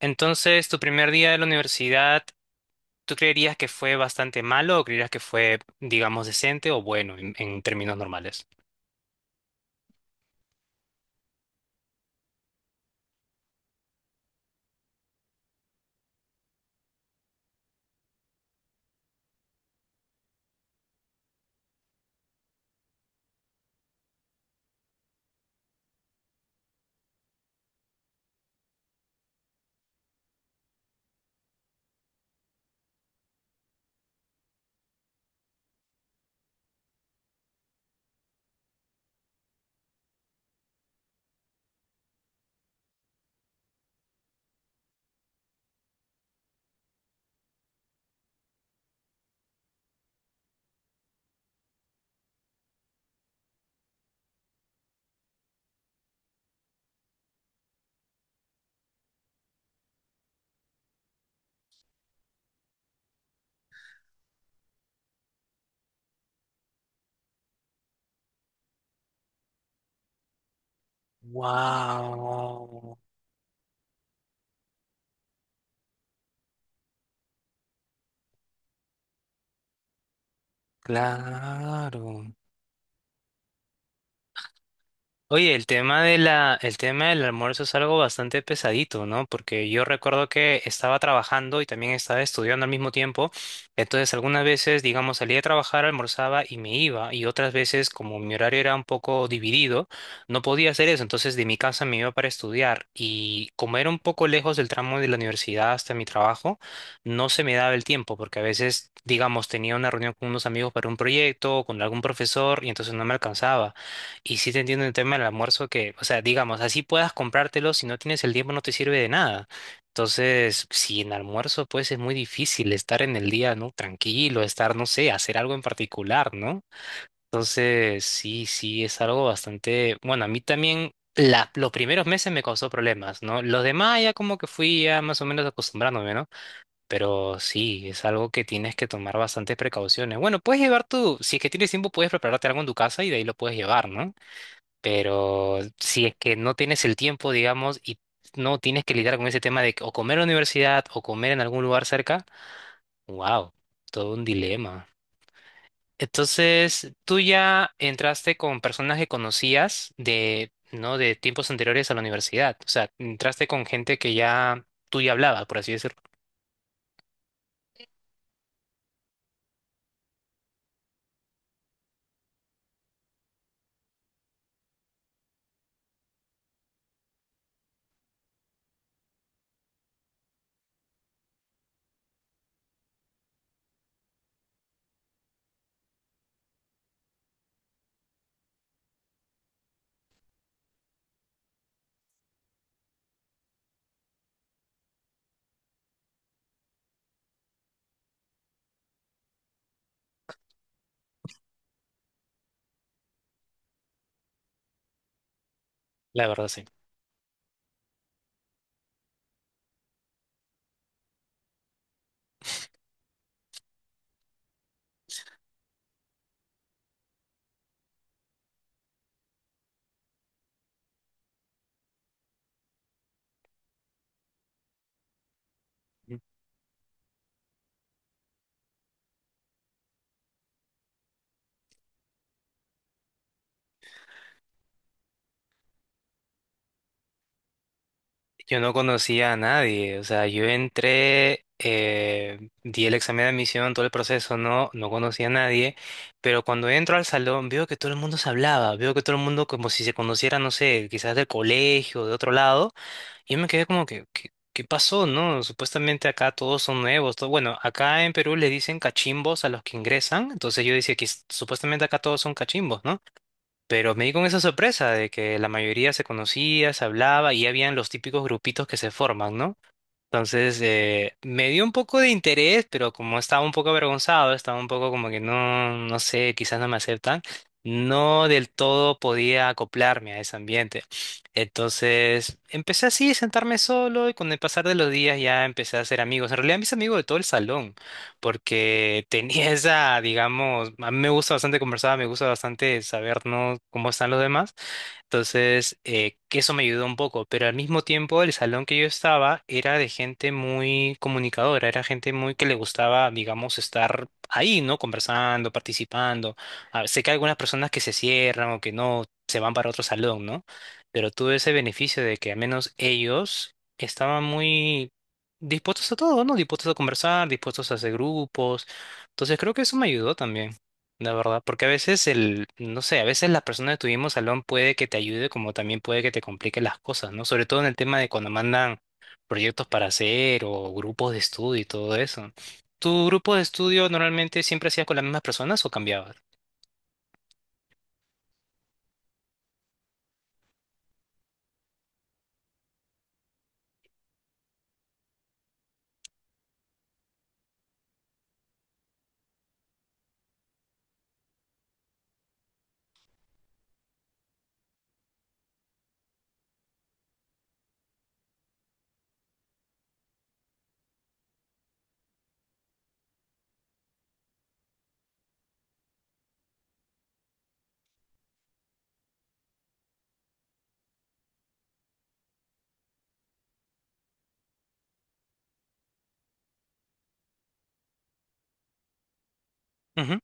Entonces, tu primer día de la universidad, ¿tú creerías que fue bastante malo o creerías que fue, digamos, decente o bueno en, términos normales? Wow, claro. Oye, el tema de el tema del almuerzo es algo bastante pesadito, ¿no? Porque yo recuerdo que estaba trabajando y también estaba estudiando al mismo tiempo. Entonces, algunas veces, digamos, salía a trabajar, almorzaba y me iba. Y otras veces, como mi horario era un poco dividido, no podía hacer eso. Entonces, de mi casa me iba para estudiar. Y como era un poco lejos del tramo de la universidad hasta mi trabajo, no se me daba el tiempo, porque a veces, digamos, tenía una reunión con unos amigos para un proyecto o con algún profesor y entonces no me alcanzaba. Y sí te entiendo en el tema del almuerzo que, o sea, digamos, así puedas comprártelo, si no tienes el tiempo no te sirve de nada. Entonces, si en almuerzo, pues es muy difícil estar en el día, ¿no? Tranquilo, estar, no sé, hacer algo en particular, ¿no? Entonces, sí, sí, es algo bastante, bueno, a mí también los primeros meses me causó problemas, ¿no? Los demás ya como que fui ya más o menos acostumbrándome, ¿no? Pero sí, es algo que tienes que tomar bastantes precauciones. Bueno, puedes llevar tú, si es que tienes tiempo, puedes prepararte algo en tu casa y de ahí lo puedes llevar, ¿no? Pero si es que no tienes el tiempo, digamos, y no tienes que lidiar con ese tema de que o comer en la universidad o comer en algún lugar cerca, wow, todo un dilema. Entonces, tú ya entraste con personas que conocías de, ¿no? De tiempos anteriores a la universidad. O sea, entraste con gente que ya tú hablabas, por así decirlo. La verdad, sí. Yo no conocía a nadie, o sea, yo entré, di el examen de admisión, todo el proceso, no, no conocía a nadie, pero cuando entro al salón veo que todo el mundo se hablaba, veo que todo el mundo como si se conociera, no sé, quizás del colegio, de otro lado, y yo me quedé como que, ¿qué, qué pasó, no? Supuestamente acá todos son nuevos, todo, bueno, acá en Perú le dicen cachimbos a los que ingresan, entonces yo decía que supuestamente acá todos son cachimbos, ¿no? Pero me di con esa sorpresa de que la mayoría se conocía, se hablaba y habían los típicos grupitos que se forman, ¿no? Entonces, me dio un poco de interés, pero como estaba un poco avergonzado, estaba un poco como que no, no sé, quizás no me aceptan, no del todo podía acoplarme a ese ambiente. Entonces, empecé así, sentarme solo y con el pasar de los días ya empecé a hacer amigos. En realidad, mis amigos de todo el salón, porque tenía esa, digamos, a mí me gusta bastante conversar, me gusta bastante saber, ¿no? cómo están los demás. Entonces, que eso me ayudó un poco, pero al mismo tiempo el salón que yo estaba era de gente muy comunicadora, era gente muy que le gustaba, digamos, estar ahí, ¿no? Conversando, participando. Sé que hay algunas personas que se cierran o que no se van para otro salón, ¿no? Pero tuve ese beneficio de que al menos ellos estaban muy dispuestos a todo, ¿no? Dispuestos a conversar, dispuestos a hacer grupos. Entonces, creo que eso me ayudó también. La verdad, porque a veces el, no sé, a veces la persona de tu mismo salón puede que te ayude, como también puede que te complique las cosas, ¿no? Sobre todo en el tema de cuando mandan proyectos para hacer o grupos de estudio y todo eso. ¿Tu grupo de estudio normalmente siempre hacías con las mismas personas o cambiabas? Ujú.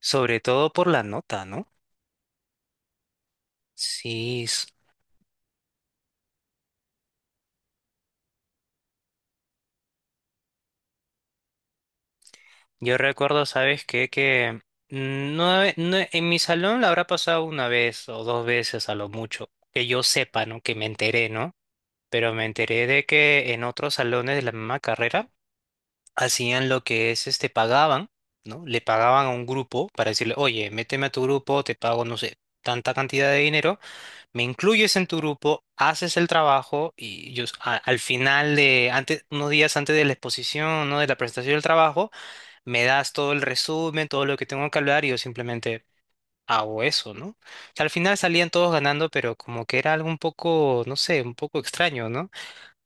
Sobre todo por la nota, ¿no? Sí, yo recuerdo, ¿sabes qué? Que mm, no, en mi salón la habrá pasado una vez o dos veces a lo mucho, que yo sepa, ¿no? Que me enteré, ¿no? pero me enteré de que en otros salones de la misma carrera hacían lo que es, este, pagaban, ¿no? Le pagaban a un grupo para decirle, oye, méteme a tu grupo, te pago, no sé, tanta cantidad de dinero, me incluyes en tu grupo, haces el trabajo y yo al final de, antes, unos días antes de la exposición, ¿no? De la presentación del trabajo, me das todo el resumen, todo lo que tengo que hablar y yo simplemente hago eso, ¿no? O sea, al final salían todos ganando, pero como que era algo un poco, no sé, un poco extraño, ¿no?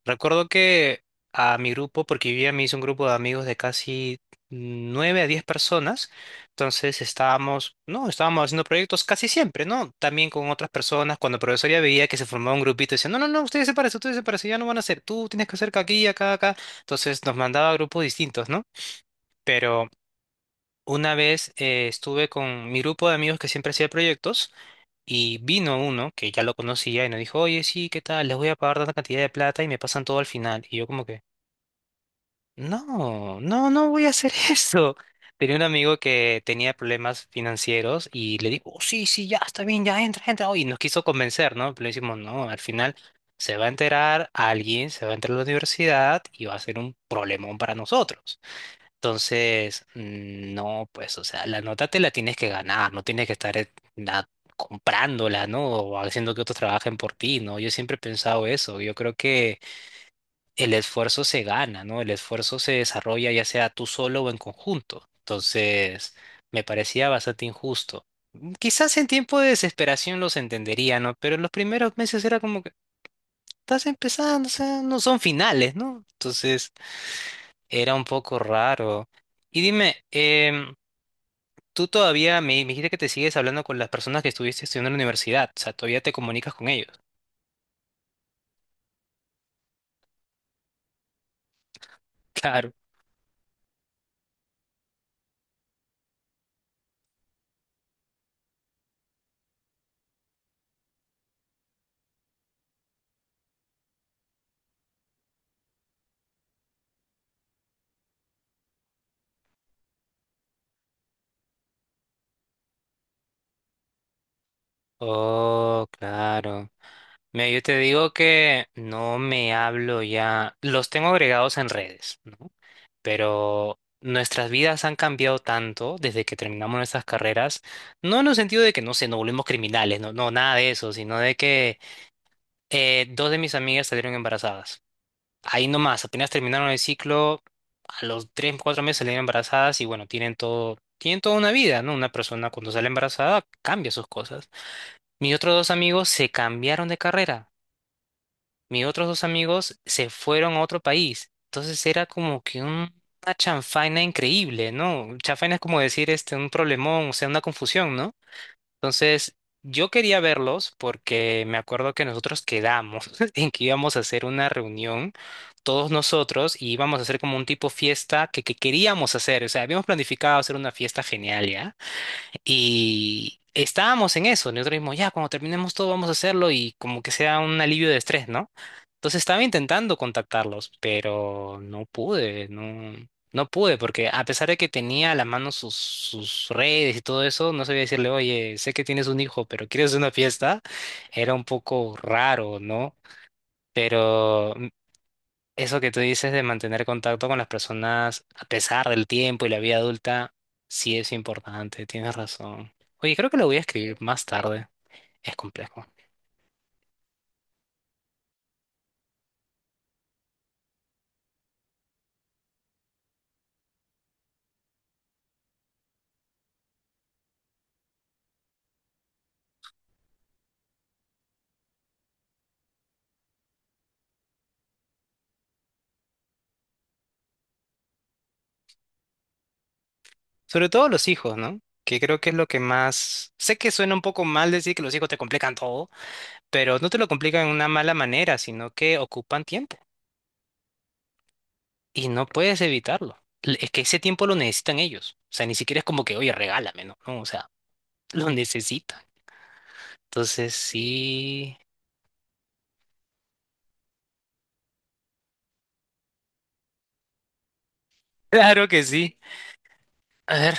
Recuerdo que a mi grupo, porque vivía, me hice un grupo de amigos de casi nueve a diez personas, entonces estábamos, no, estábamos haciendo proyectos casi siempre, ¿no? También con otras personas, cuando la profesora veía que se formaba un grupito, decía, no, no, no, ustedes se parecen, ya no van a hacer, tú tienes que hacer aquí, acá, acá, entonces nos mandaba a grupos distintos, ¿no? Pero una vez estuve con mi grupo de amigos que siempre hacía proyectos. Y vino uno que ya lo conocía y nos dijo, oye, sí, ¿qué tal? Les voy a pagar tanta cantidad de plata y me pasan todo al final. Y yo como que, no, no, no voy a hacer eso. Tenía un amigo que tenía problemas financieros y le digo, "Oh, sí, sí, ya está bien, ya entra, entra. Oh, Y nos quiso convencer, ¿no? Pero le decimos, no, al final se va a enterar alguien, se va a enterar la universidad y va a ser un problemón para nosotros. Entonces, mm, no, pues, o sea, la nota te la tienes que ganar, no tienes que estar comprándola, ¿no? O haciendo que otros trabajen por ti, ¿no? Yo siempre he pensado eso. Yo creo que el esfuerzo se gana, ¿no? El esfuerzo se desarrolla ya sea tú solo o en conjunto. Entonces, me parecía bastante injusto. Quizás en tiempo de desesperación los entendería, ¿no? Pero en los primeros meses era como que estás empezando, o sea, no son finales, ¿no? Entonces, era un poco raro. Y dime, tú todavía me dijiste que te sigues hablando con las personas que estuviste estudiando en la universidad, o sea, todavía te comunicas con ellos. Claro. Oh, claro. Mira, yo te digo que no me hablo ya, los tengo agregados en redes, ¿no? Pero nuestras vidas han cambiado tanto desde que terminamos nuestras carreras, no en el sentido de que, no sé, nos volvimos criminales, no, no, nada de eso, sino de que dos de mis amigas salieron embarazadas. Ahí nomás, apenas terminaron el ciclo, a los 3, 4 meses salieron embarazadas y bueno, tienen todo, tienen toda una vida, ¿no? Una persona cuando sale embarazada cambia sus cosas. Mis otros dos amigos se cambiaron de carrera mis otros dos amigos se fueron a otro país. Entonces era como que una chanfaina increíble, ¿no? Chanfaina es como decir este, un problemón, o sea, una confusión, ¿no? Entonces yo quería verlos porque me acuerdo que nosotros quedamos en que íbamos a hacer una reunión, todos nosotros, y íbamos a hacer como un tipo fiesta que queríamos hacer. O sea, habíamos planificado hacer una fiesta genial, ¿ya? Y estábamos en eso, nosotros dijimos, ya, cuando terminemos todo vamos a hacerlo y como que sea un alivio de estrés, ¿no? Entonces estaba intentando contactarlos, pero no pude, no, porque a pesar de que tenía a la mano sus redes y todo eso, no sabía decirle, oye, sé que tienes un hijo, pero ¿quieres una fiesta? Era un poco raro, ¿no? Pero eso que tú dices de mantener contacto con las personas a pesar del tiempo y la vida adulta, sí es importante, tienes razón. Oye, creo que lo voy a escribir más tarde. Es complejo. Sobre todo los hijos, ¿no? Que creo que es lo que más... Sé que suena un poco mal decir que los hijos te complican todo, pero no te lo complican en una mala manera, sino que ocupan tiempo y no puedes evitarlo. L- Es que ese tiempo lo necesitan ellos. O sea, ni siquiera es como que, oye, regálame, ¿no? No, o sea, lo necesitan. Entonces, sí. Claro que sí. A ver,